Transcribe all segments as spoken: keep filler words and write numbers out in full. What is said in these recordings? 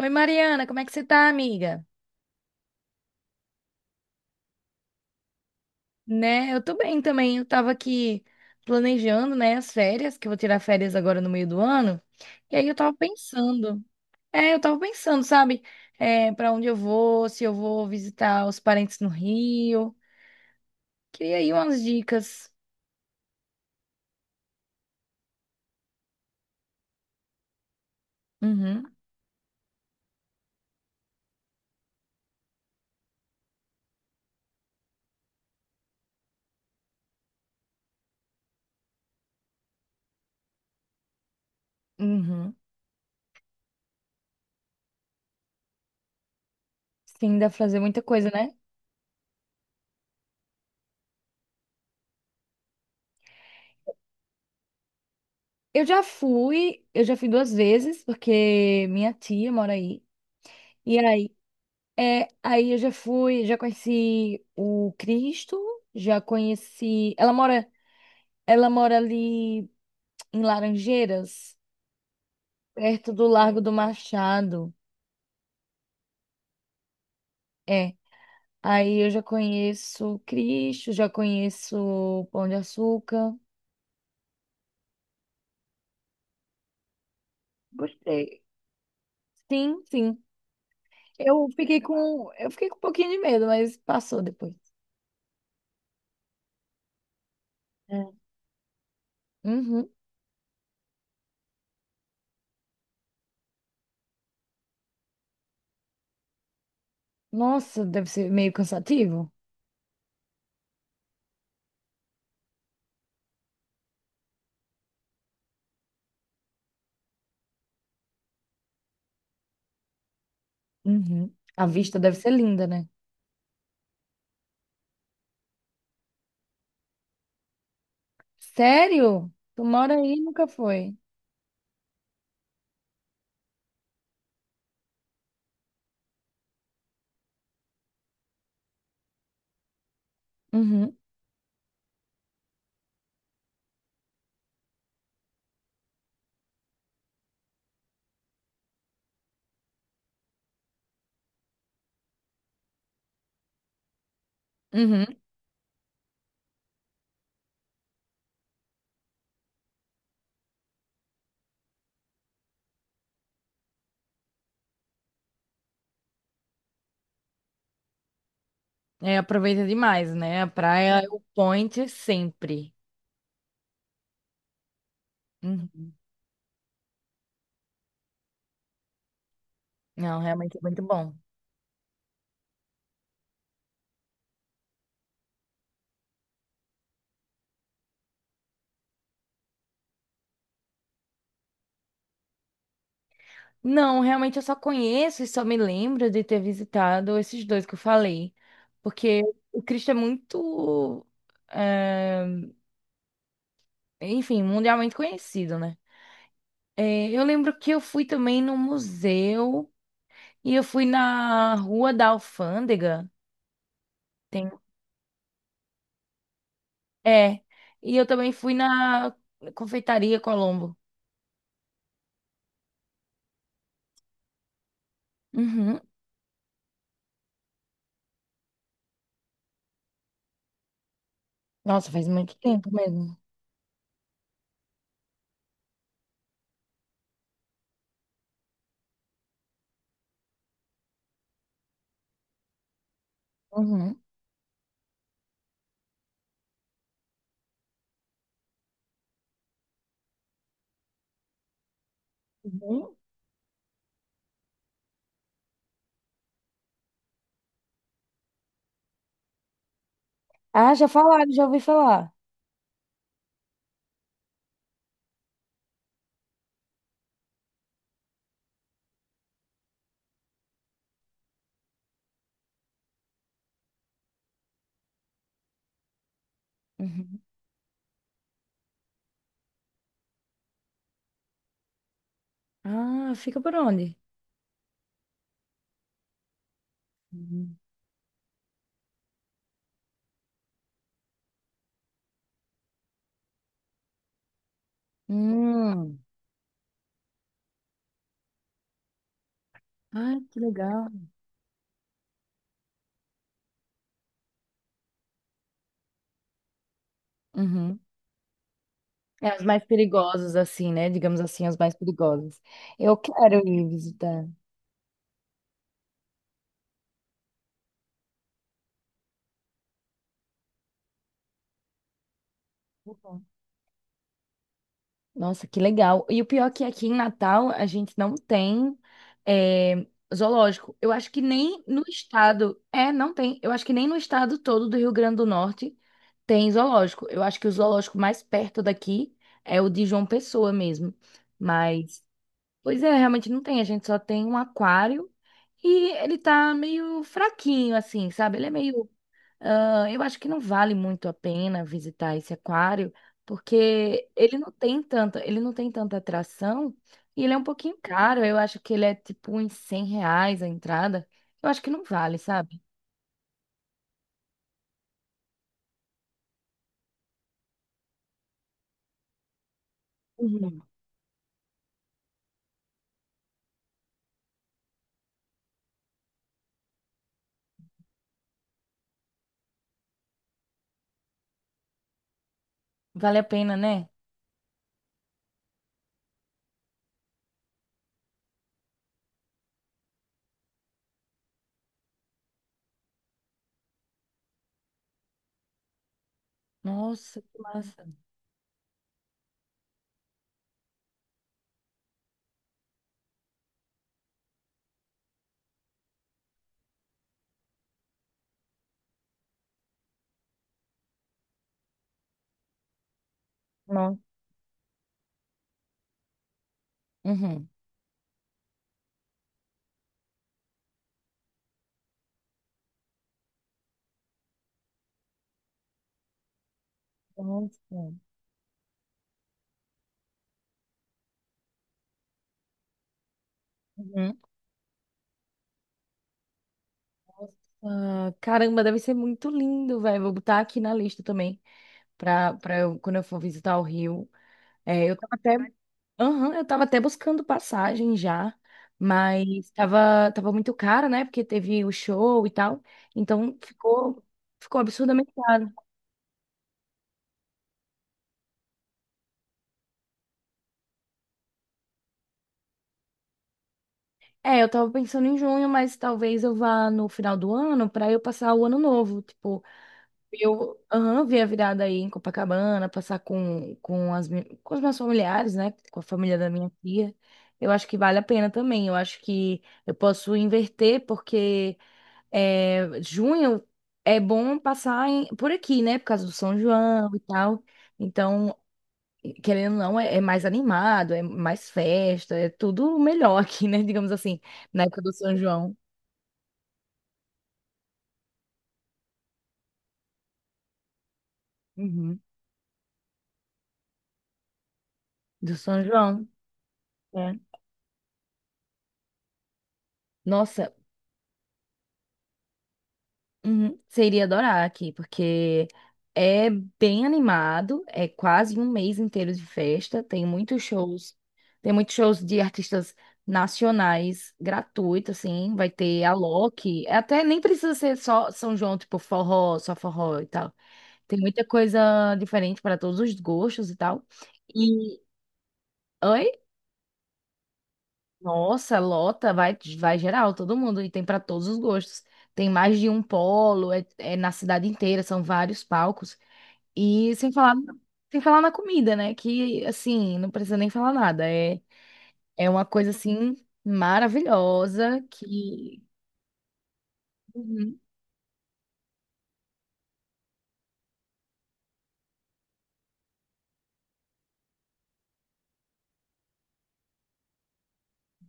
Oi, Mariana, como é que você tá, amiga? Né, eu tô bem também. Eu tava aqui planejando, né, as férias, que eu vou tirar férias agora no meio do ano. E aí eu tava pensando, é, eu tava pensando, sabe, é, para onde eu vou, se eu vou visitar os parentes no Rio. Queria aí umas dicas. Uhum, uhum. Sim, dá pra fazer muita coisa, né? Eu já fui, eu já fui duas vezes, porque minha tia mora aí. E aí é, aí eu já fui, já conheci o Cristo, já conheci. Ela mora, ela mora ali em Laranjeiras, perto do Largo do Machado. É, aí eu já conheço o Cristo, já conheço o Pão de Açúcar. Gostei. Sim, sim. Eu fiquei com, eu fiquei com um pouquinho de medo, mas passou depois. É. Uhum. Nossa, deve ser meio cansativo. Uhum. A vista deve ser linda, né? Sério? Tu mora aí e nunca foi? Uhum, uhum. É, aproveita demais, né? A praia é o point sempre. Uhum. Não, realmente é muito bom. Não, realmente eu só conheço e só me lembro de ter visitado esses dois que eu falei. Porque o Cristo é muito, eh, enfim, mundialmente conhecido, né? Eh, eu lembro que eu fui também no museu e eu fui na Rua da Alfândega. É. E eu também fui na confeitaria Colombo. Uhum. Nossa, faz muito tempo mesmo. Uhum. Uhum. Ah, já falaram, já ouvi falar. Uhum. Ah, fica por onde? Uhum. Hum. Ah, que legal. Uhum. É, as mais perigosas, assim, né? Digamos assim, as mais perigosas. Eu quero ir visitar. Nossa, que legal. E o pior é que aqui em Natal a gente não tem eh, zoológico. Eu acho que nem no estado. É, não tem. Eu acho que nem no estado todo do Rio Grande do Norte tem zoológico. Eu acho que o zoológico mais perto daqui é o de João Pessoa mesmo. Mas, pois é, realmente não tem. A gente só tem um aquário e ele tá meio fraquinho, assim, sabe? Ele é meio ah, eu acho que não vale muito a pena visitar esse aquário, porque ele não tem tanta, ele não tem tanta atração e ele é um pouquinho caro. Eu acho que ele é tipo uns cem reais a entrada. Eu acho que não vale, sabe? Uhum. Vale a pena, né? Nossa, que massa. Não. Uhum. Nossa. Uhum. Nossa. Caramba, deve ser muito lindo, velho. Vou botar aqui na lista também, pra, pra eu, quando eu for visitar o Rio. É, eu tava até aham, eu tava até buscando passagem já, mas tava, tava muito caro, né? Porque teve o show e tal. Então ficou, ficou absurdamente caro. É, eu tava pensando em junho, mas talvez eu vá no final do ano pra eu passar o ano novo. Tipo, eu aham, ver a virada aí em Copacabana, passar com, com as, mi- com os meus familiares, né? Com a família da minha tia. Eu acho que vale a pena também. Eu acho que eu posso inverter, porque. É, junho é bom passar em- por aqui, né? Por causa do São João e tal. Então, querendo ou não, é, é mais animado, é mais festa, é tudo melhor aqui, né? Digamos assim, na época do São João. Uhum. Do São João. É. Nossa. Uhum. Você iria adorar aqui, porque é bem animado, é quase um mês inteiro de festa, tem muitos shows, tem muitos shows de artistas nacionais gratuitos, assim, vai ter a Alok, até nem precisa ser só São João, tipo forró, só forró e tal. Tem muita coisa diferente para todos os gostos e tal. E, oi? Nossa, lota, vai, vai geral, todo mundo, e tem para todos os gostos. Tem mais de um polo, é, é na cidade inteira, são vários palcos. E sem falar, sem falar na comida, né? Que, assim, não precisa nem falar nada. É, é uma coisa, assim, maravilhosa que... Uhum,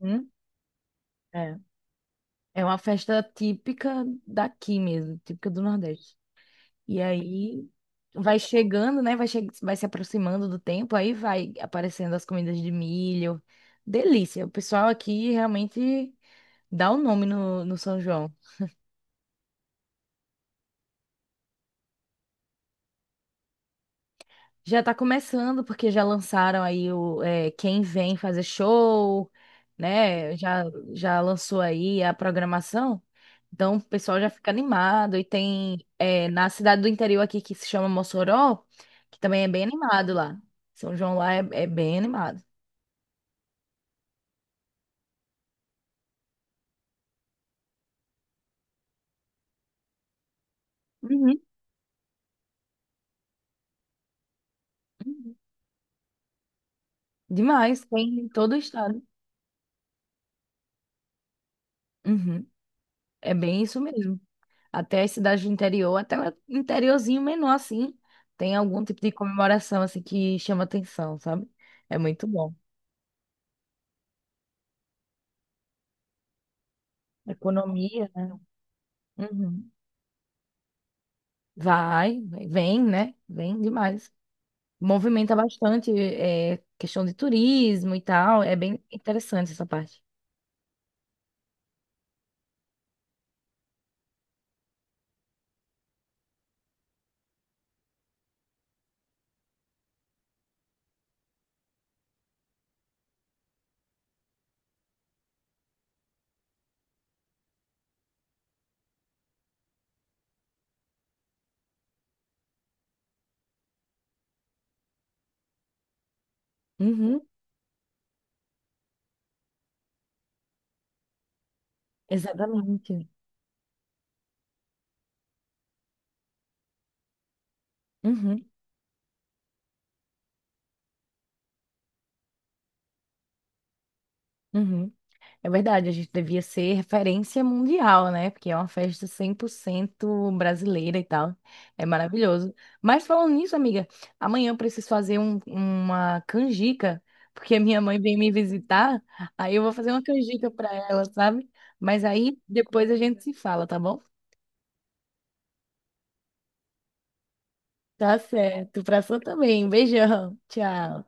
uhum. É, é uma festa típica daqui mesmo, típica do Nordeste. E aí vai chegando, né? Vai, che vai se aproximando do tempo, aí vai aparecendo as comidas de milho. Delícia. O pessoal aqui realmente dá o nome no, no São João. Já tá começando, porque já lançaram aí o é, Quem Vem Fazer Show, né? Já, já lançou aí a programação. Então o pessoal já fica animado. E tem é, na cidade do interior aqui que se chama Mossoró, que também é bem animado lá. São João lá é é bem animado. Uhum. Uhum. Demais, tem em todo o estado. Uhum. É bem isso mesmo. Até as cidades do interior, até o interiorzinho menor, assim, tem algum tipo de comemoração, assim, que chama atenção, sabe? É muito bom. Economia, né? Uhum. Vai, vem, né? Vem demais. Movimenta bastante, é, questão de turismo e tal. É bem interessante essa parte. Uhum. Exatamente. Uhum. Uhum. É verdade, a gente devia ser referência mundial, né? Porque é uma festa cem por cento brasileira e tal. É maravilhoso. Mas falando nisso, amiga, amanhã eu preciso fazer um- uma canjica, porque a minha mãe vem me visitar. Aí eu vou fazer uma canjica pra ela, sabe? Mas aí depois a gente se fala, tá bom? Tá certo. Pra sua também. Um Beijão. Tchau.